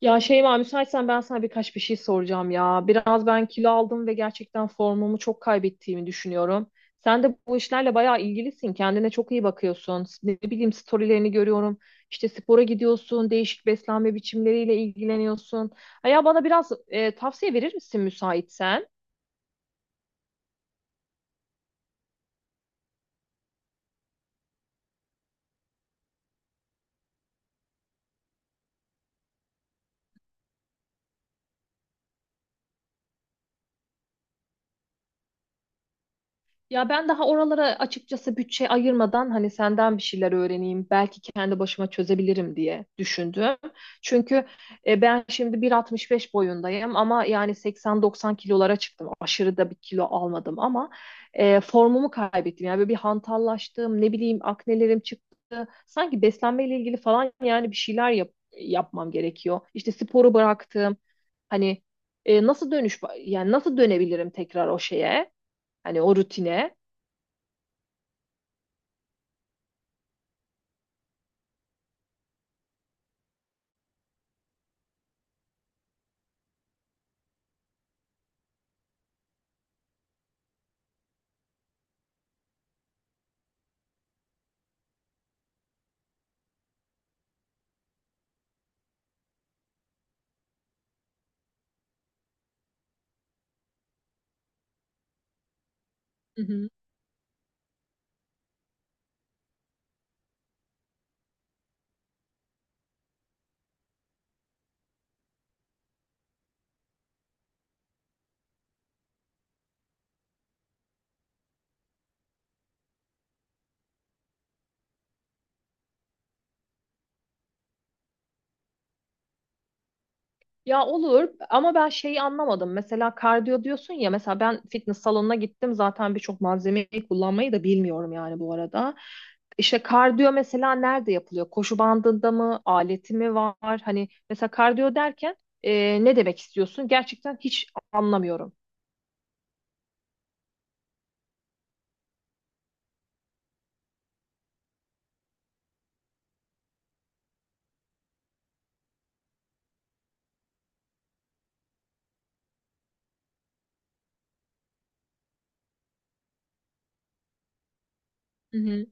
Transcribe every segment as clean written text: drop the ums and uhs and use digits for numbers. Ya Şeyma müsaitsen ben sana birkaç bir şey soracağım ya. Biraz ben kilo aldım ve gerçekten formumu çok kaybettiğimi düşünüyorum. Sen de bu işlerle bayağı ilgilisin. Kendine çok iyi bakıyorsun. Ne bileyim storylerini görüyorum. İşte spora gidiyorsun, değişik beslenme biçimleriyle ilgileniyorsun. Ha ya bana biraz tavsiye verir misin müsaitsen? Ya ben daha oralara açıkçası bütçe ayırmadan hani senden bir şeyler öğreneyim, belki kendi başıma çözebilirim diye düşündüm. Çünkü ben şimdi 1.65 boyundayım ama yani 80-90 kilolara çıktım. Aşırı da bir kilo almadım ama formumu kaybettim. Yani böyle bir hantallaştım, ne bileyim aknelerim çıktı. Sanki beslenmeyle ilgili falan yani bir yapmam gerekiyor. İşte sporu bıraktım. Hani nasıl dönüş yani nasıl dönebilirim tekrar o şeye? Hani o rutine. Hı hı. Ya olur ama ben şeyi anlamadım. Mesela kardiyo diyorsun ya mesela ben fitness salonuna gittim zaten birçok malzemeyi kullanmayı da bilmiyorum yani bu arada. İşte kardiyo mesela nerede yapılıyor? Koşu bandında mı? Aleti mi var? Hani mesela kardiyo derken ne demek istiyorsun? Gerçekten hiç anlamıyorum. Hı hı.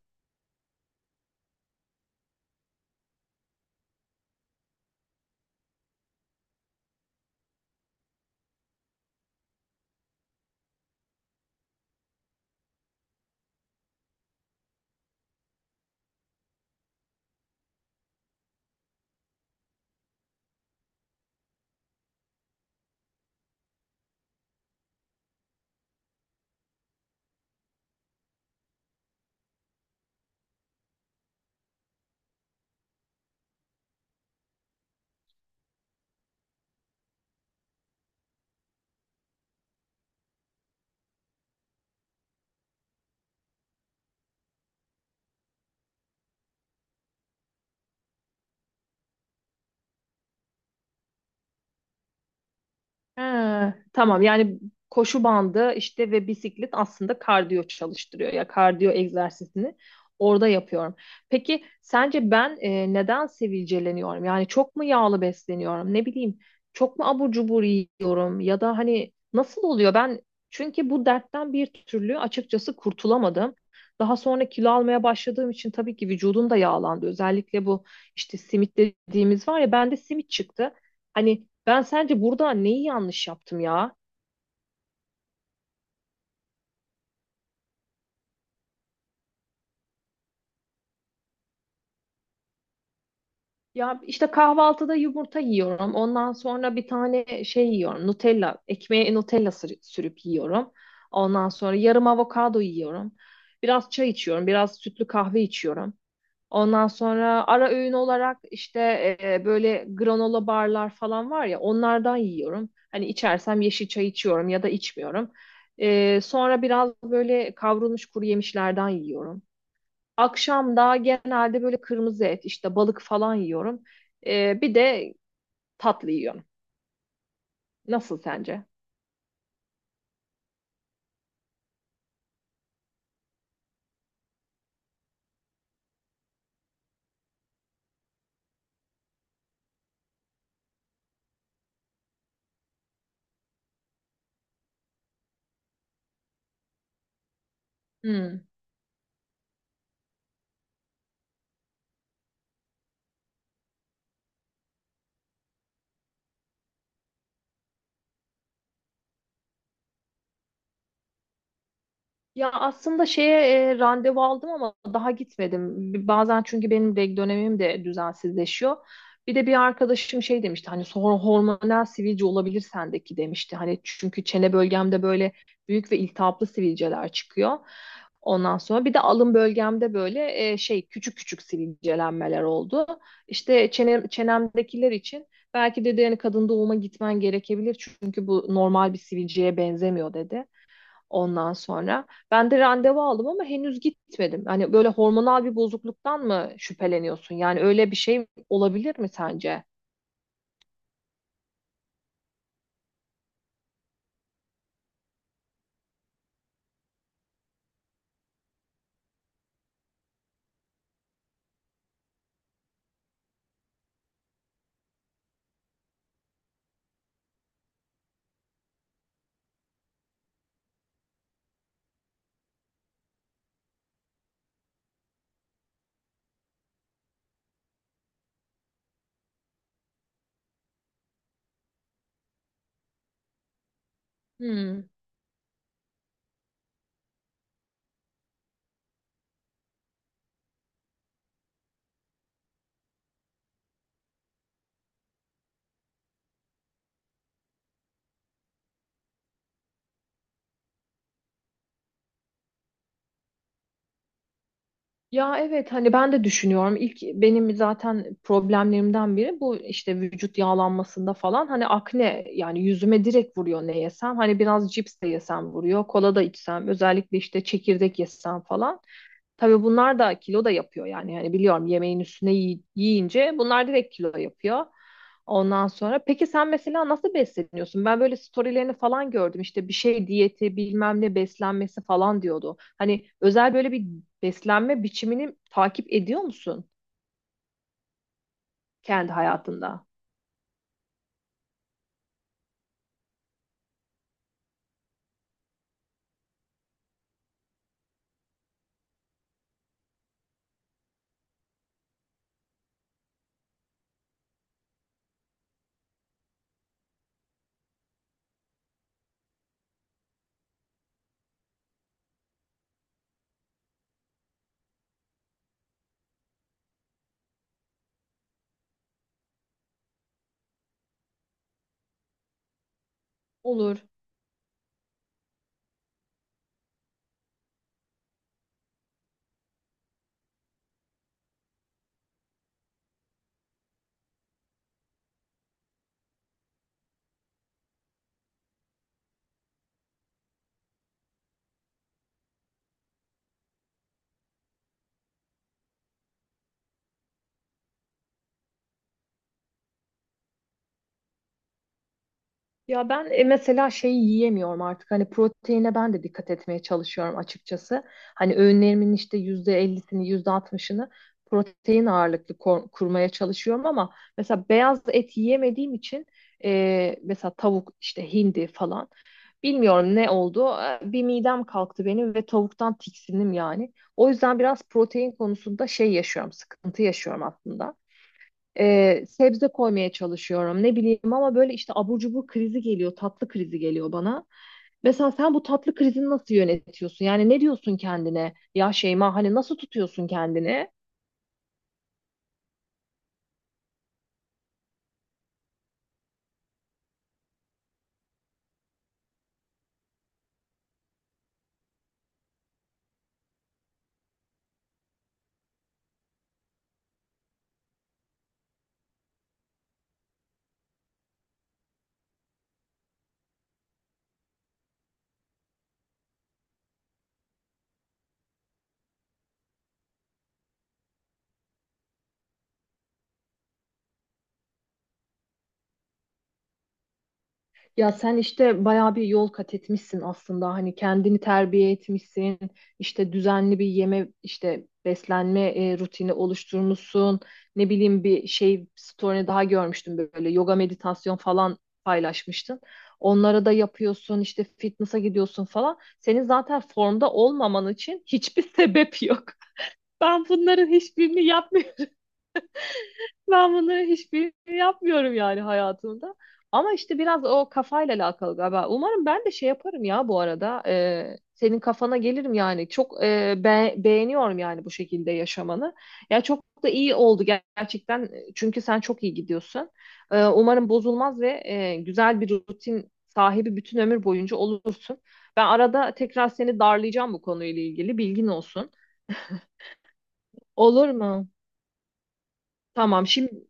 Ha, tamam yani koşu bandı işte ve bisiklet aslında kardiyo çalıştırıyor ya kardiyo egzersizini orada yapıyorum. Peki sence ben neden sivilceleniyorum? Yani çok mu yağlı besleniyorum? Ne bileyim çok mu abur cubur yiyorum ya da hani nasıl oluyor? Ben çünkü bu dertten bir türlü açıkçası kurtulamadım. Daha sonra kilo almaya başladığım için tabii ki vücudum da yağlandı. Özellikle bu işte simit dediğimiz var ya bende simit çıktı. Hani ben sence burada neyi yanlış yaptım ya? Ya işte kahvaltıda yumurta yiyorum. Ondan sonra bir tane şey yiyorum. Nutella, ekmeğe sürüp yiyorum. Ondan sonra yarım avokado yiyorum. Biraz çay içiyorum, biraz sütlü kahve içiyorum. Ondan sonra ara öğün olarak işte böyle granola barlar falan var ya onlardan yiyorum. Hani içersem yeşil çay içiyorum ya da içmiyorum. Sonra biraz böyle kavrulmuş kuru yemişlerden yiyorum. Akşam da genelde böyle kırmızı et, işte balık falan yiyorum. Bir de tatlı yiyorum. Nasıl sence? Hmm. Ya aslında şeye randevu aldım ama daha gitmedim. Bazen çünkü benim reg dönemim de düzensizleşiyor. Bir de bir arkadaşım şey demişti hani sonra hormonal sivilce olabilir sendeki demişti. Hani çünkü çene bölgemde böyle büyük ve iltihaplı sivilceler çıkıyor. Ondan sonra bir de alın bölgemde böyle küçük küçük sivilcelenmeler oldu. İşte çenemdekiler için belki dedi yani kadın doğuma gitmen gerekebilir çünkü bu normal bir sivilceye benzemiyor dedi. Ondan sonra ben de randevu aldım ama henüz gitmedim. Hani böyle hormonal bir bozukluktan mı şüpheleniyorsun? Yani öyle bir şey olabilir mi sence? Hmm. Ya evet hani ben de düşünüyorum. İlk benim zaten problemlerimden biri bu işte vücut yağlanmasında falan. Hani akne yani yüzüme direkt vuruyor ne yesem. Hani biraz cips de yesem vuruyor. Kola da içsem özellikle işte çekirdek yesem falan. Tabii bunlar da kilo da yapıyor yani. Yani biliyorum yemeğin üstüne yiyince bunlar direkt kilo yapıyor. Ondan sonra peki sen mesela nasıl besleniyorsun? Ben böyle storylerini falan gördüm. İşte bir şey diyeti, bilmem ne beslenmesi falan diyordu. Hani özel böyle bir beslenme biçimini takip ediyor musun kendi hayatında? Olur. Ya ben mesela şeyi yiyemiyorum artık. Hani proteine ben de dikkat etmeye çalışıyorum açıkçası. Hani öğünlerimin işte yüzde ellisini, yüzde altmışını kurmaya çalışıyorum ama mesela beyaz et yiyemediğim için mesela tavuk işte hindi falan bilmiyorum ne oldu. Bir midem kalktı benim ve tavuktan tiksindim yani. O yüzden biraz protein konusunda sıkıntı yaşıyorum aslında, sebze koymaya çalışıyorum ne bileyim ama böyle işte abur cubur krizi geliyor tatlı krizi geliyor bana. Mesela sen bu tatlı krizini nasıl yönetiyorsun? Yani ne diyorsun kendine? Ya Şeyma hani nasıl tutuyorsun kendini? Ya sen işte bayağı bir yol kat etmişsin aslında. Hani kendini terbiye etmişsin. İşte düzenli bir yeme, işte beslenme rutini oluşturmuşsun. Ne bileyim bir şey story'ni daha görmüştüm böyle yoga meditasyon falan paylaşmıştın. Onlara da yapıyorsun, işte fitness'a gidiyorsun falan. Senin zaten formda olmaman için hiçbir sebep yok. Ben bunların hiçbirini yapmıyorum. Ben bunları hiçbirini yapmıyorum yani hayatımda. Ama işte biraz o kafayla alakalı galiba. Umarım ben de şey yaparım ya bu arada. Senin kafana gelirim yani. Çok beğeniyorum yani bu şekilde yaşamanı. Ya çok da iyi oldu gerçekten. Çünkü sen çok iyi gidiyorsun. Umarım bozulmaz ve güzel bir rutin sahibi bütün ömür boyunca olursun. Ben arada tekrar seni darlayacağım bu konuyla ilgili. Bilgin olsun. Olur mu? Tamam.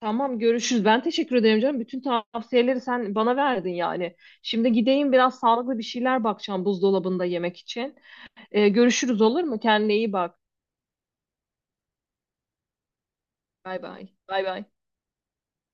Tamam, görüşürüz. Ben teşekkür ederim canım. Bütün tavsiyeleri sen bana verdin yani. Şimdi gideyim biraz sağlıklı bir şeyler bakacağım buzdolabında yemek için. Görüşürüz olur mu? Kendine iyi bak. Bay bay. Bay bay.